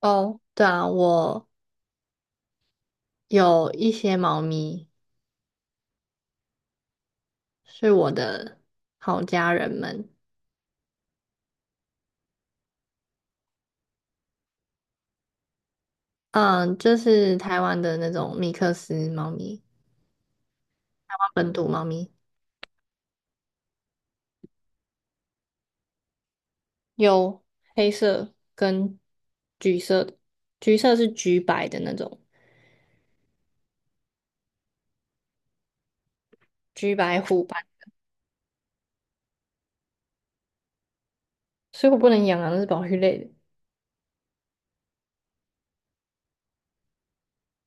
哦，对啊，我有一些猫咪是我的好家人们。嗯，就是台湾的那种米克斯猫咪，本土猫咪，有黑色跟橘色的，橘色是橘白的那种，橘白虎斑。所以我不能养啊，那是保育类的。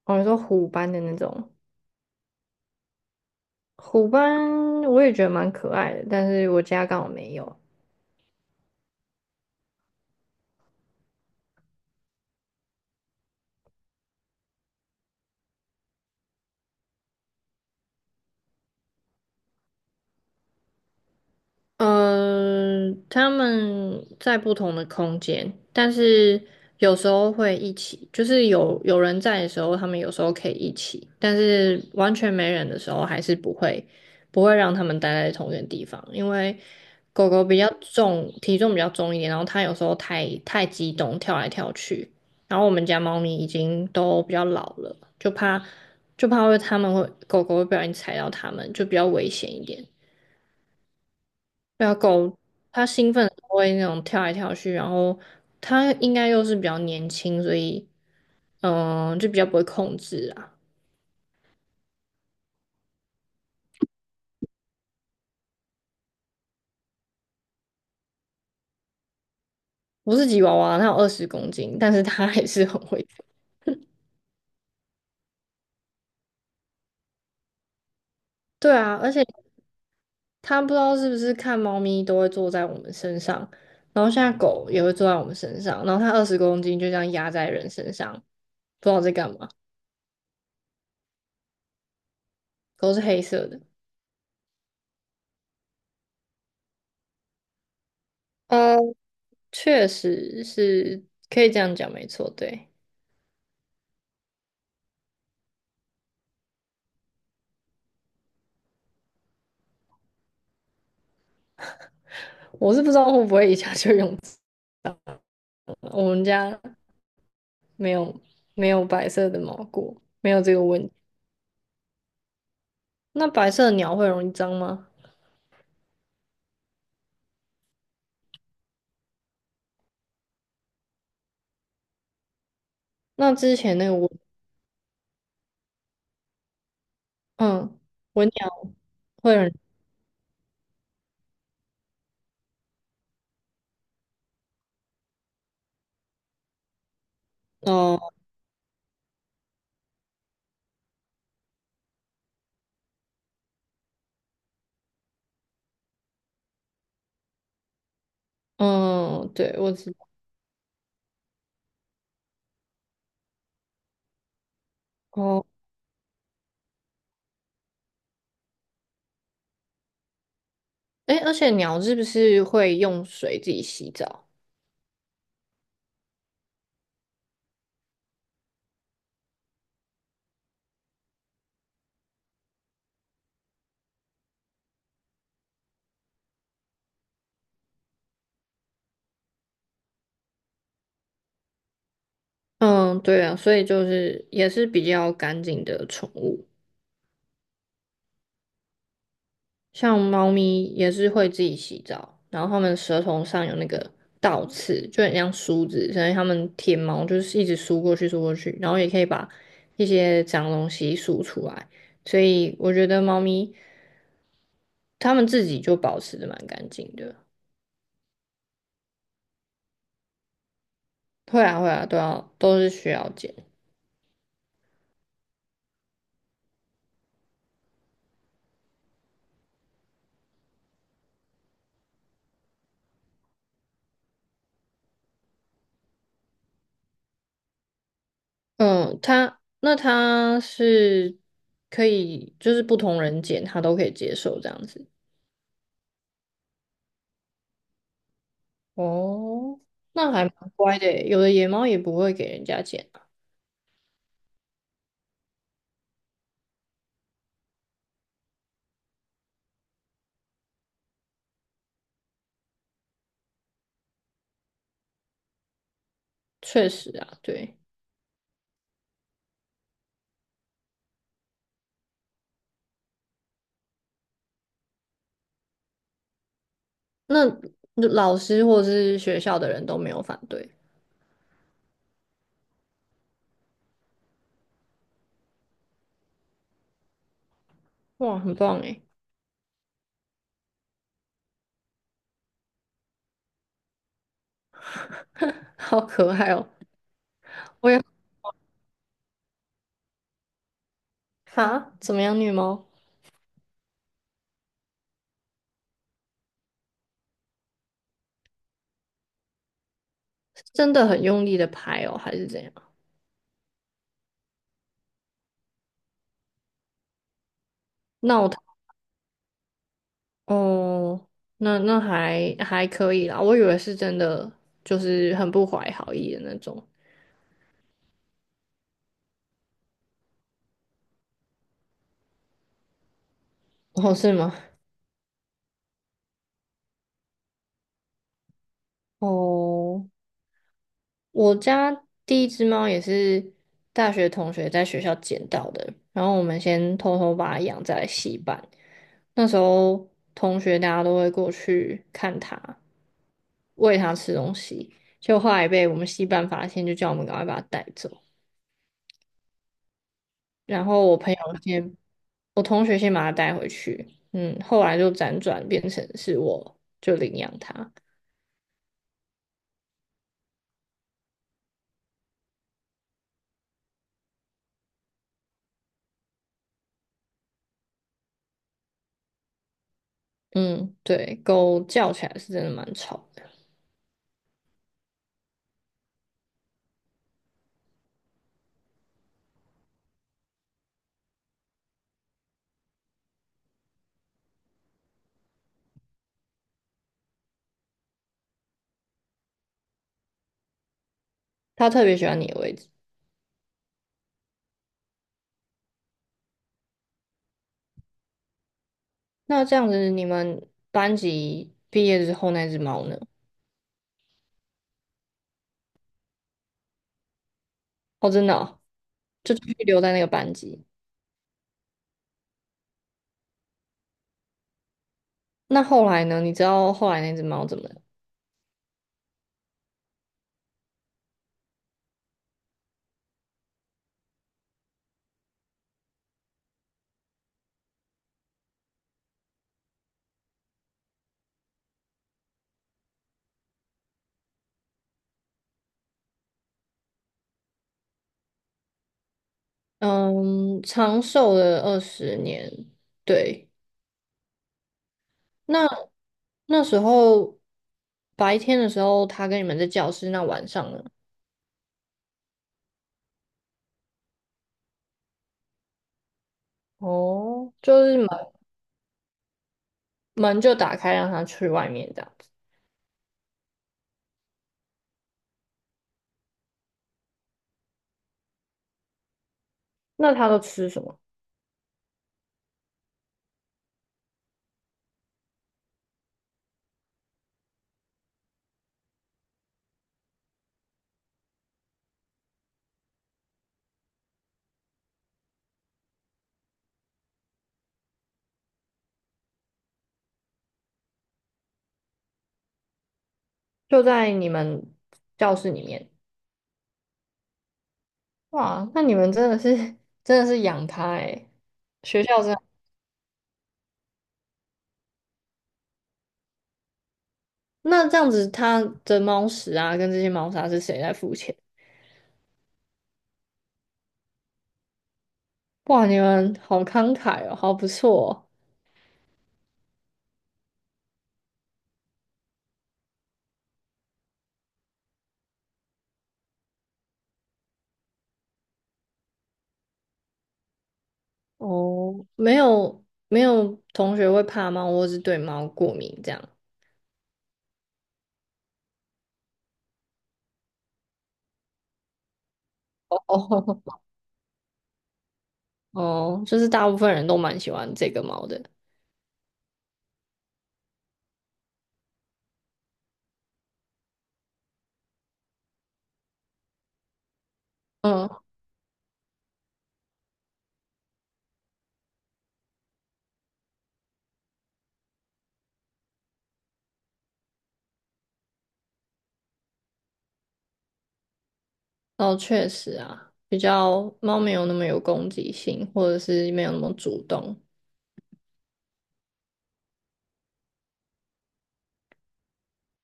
我说虎斑的那种，虎斑我也觉得蛮可爱的，但是我家刚好没有。嗯，他们在不同的空间，但是有时候会一起，就是有人在的时候，他们有时候可以一起。但是完全没人的时候，还是不会让他们待在同一个地方。因为狗狗比较重，体重比较重一点，然后它有时候太激动，跳来跳去。然后我们家猫咪已经都比较老了，就怕会它们会狗狗会不小心踩到它们，就比较危险一点。对啊，狗它兴奋的时候会那种跳来跳去，然后它应该又是比较年轻，所以就比较不会控制啊。我是吉娃娃，它有二十公斤，但是它还是很会跳。对啊，而且它不知道是不是看猫咪都会坐在我们身上，然后现在狗也会坐在我们身上，然后它二十公斤就这样压在人身上，不知道在干嘛。狗是黑色的。呃，确实是可以这样讲，没错，对。我是不知道会不会一下就用 我们家没有没有白色的毛菇，没有这个问题。那白色的鸟会容易脏吗？那之前那个文，嗯，文鸟会很，哦，嗯，对，我知道。哦，哎，而且鸟是不是会用水自己洗澡？嗯，对啊，所以就是也是比较干净的宠物。像猫咪也是会自己洗澡，然后它们舌头上有那个倒刺，就很像梳子，所以它们舔毛就是一直梳过去梳过去，然后也可以把一些脏东西梳出来。所以我觉得猫咪它们自己就保持的蛮干净的。会啊会啊，都是需要剪。嗯，它是可以，就是不同人剪它都可以接受这样子。哦，那还蛮乖的耶，有的野猫也不会给人家剪。确实啊，对，那老师或是学校的人都没有反对？哇，很棒诶。好可爱哦！我也哈，怎么样，虐猫？是真的很用力的拍哦，还是怎样？闹腾。哦，那那还还可以啦，我以为是真的，就是很不怀好意的那种。哦，是吗？哦，我家第一只猫也是大学同学在学校捡到的，然后我们先偷偷把它养在戏班。那时候同学大家都会过去看它，喂它吃东西，就后来被我们戏班发现，就叫我们赶快把它带走。然后我朋友先，我同学先把它带回去。嗯，后来就辗转变成是我就领养它。嗯，对，狗叫起来是真的蛮吵的。它特别喜欢你的位置。那这样子，你们班级毕业之后那只猫呢？哦，真的哦，就继续留在那个班级。那后来呢？你知道后来那只猫怎么了。嗯，长寿了20年。对，那那时候白天的时候，它跟你们在教室，那晚上呢？哦，就是门就打开，让它去外面这样子。那它都吃什么？就在你们教室里面。哇，那你们真的是养它诶，学校这样。那这样子，它的猫食啊跟这些猫砂是谁在付钱？哇，你们好慷慨哦，好不错哦。哦，没有同学会怕猫，或是对猫过敏这样。哦，哦，就是大部分人都蛮喜欢这个猫的。嗯，哦，确实啊，比较猫没有那么有攻击性，或者是没有那么主动。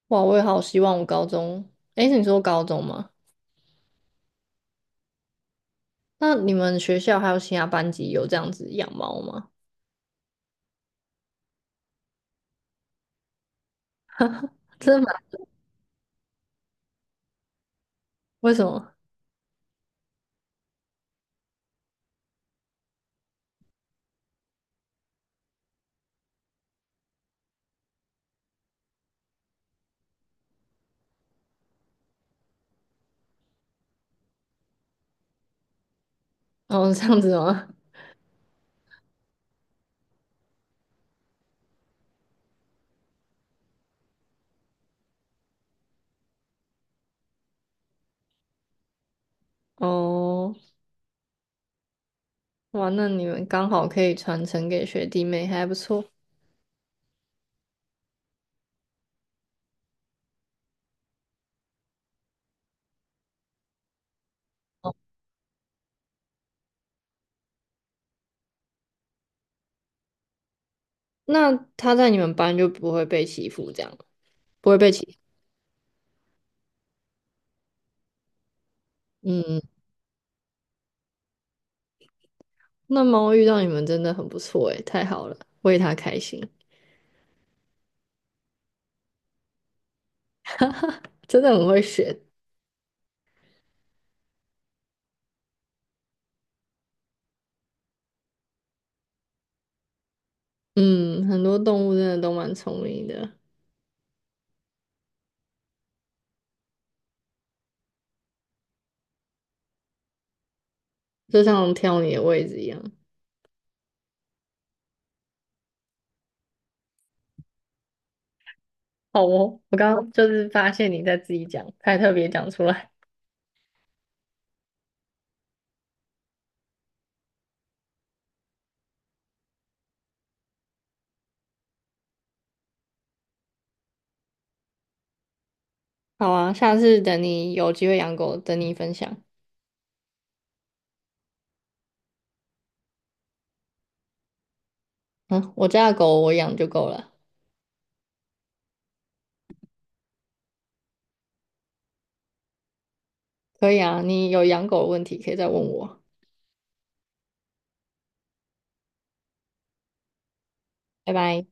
哇，我也好希望我高中，诶，你说高中吗？那你们学校还有其他班级有这样子养猫吗？真的吗？为什么？哦，这样子吗？哦，哇，那你们刚好可以传承给学弟妹，还不错。那他在你们班就不会被欺负，这样不会被欺负。嗯，那猫遇到你们真的很不错诶，太好了，为它开心，真的很会学。嗯，很多动物真的都蛮聪明的，就像挑你的位置一样。好哦，我刚刚就是发现你在自己讲，才特别讲出来。好啊，下次等你有机会养狗，等你分享。嗯，我家的狗我养就够了。可以啊，你有养狗的问题可以再问我。拜拜。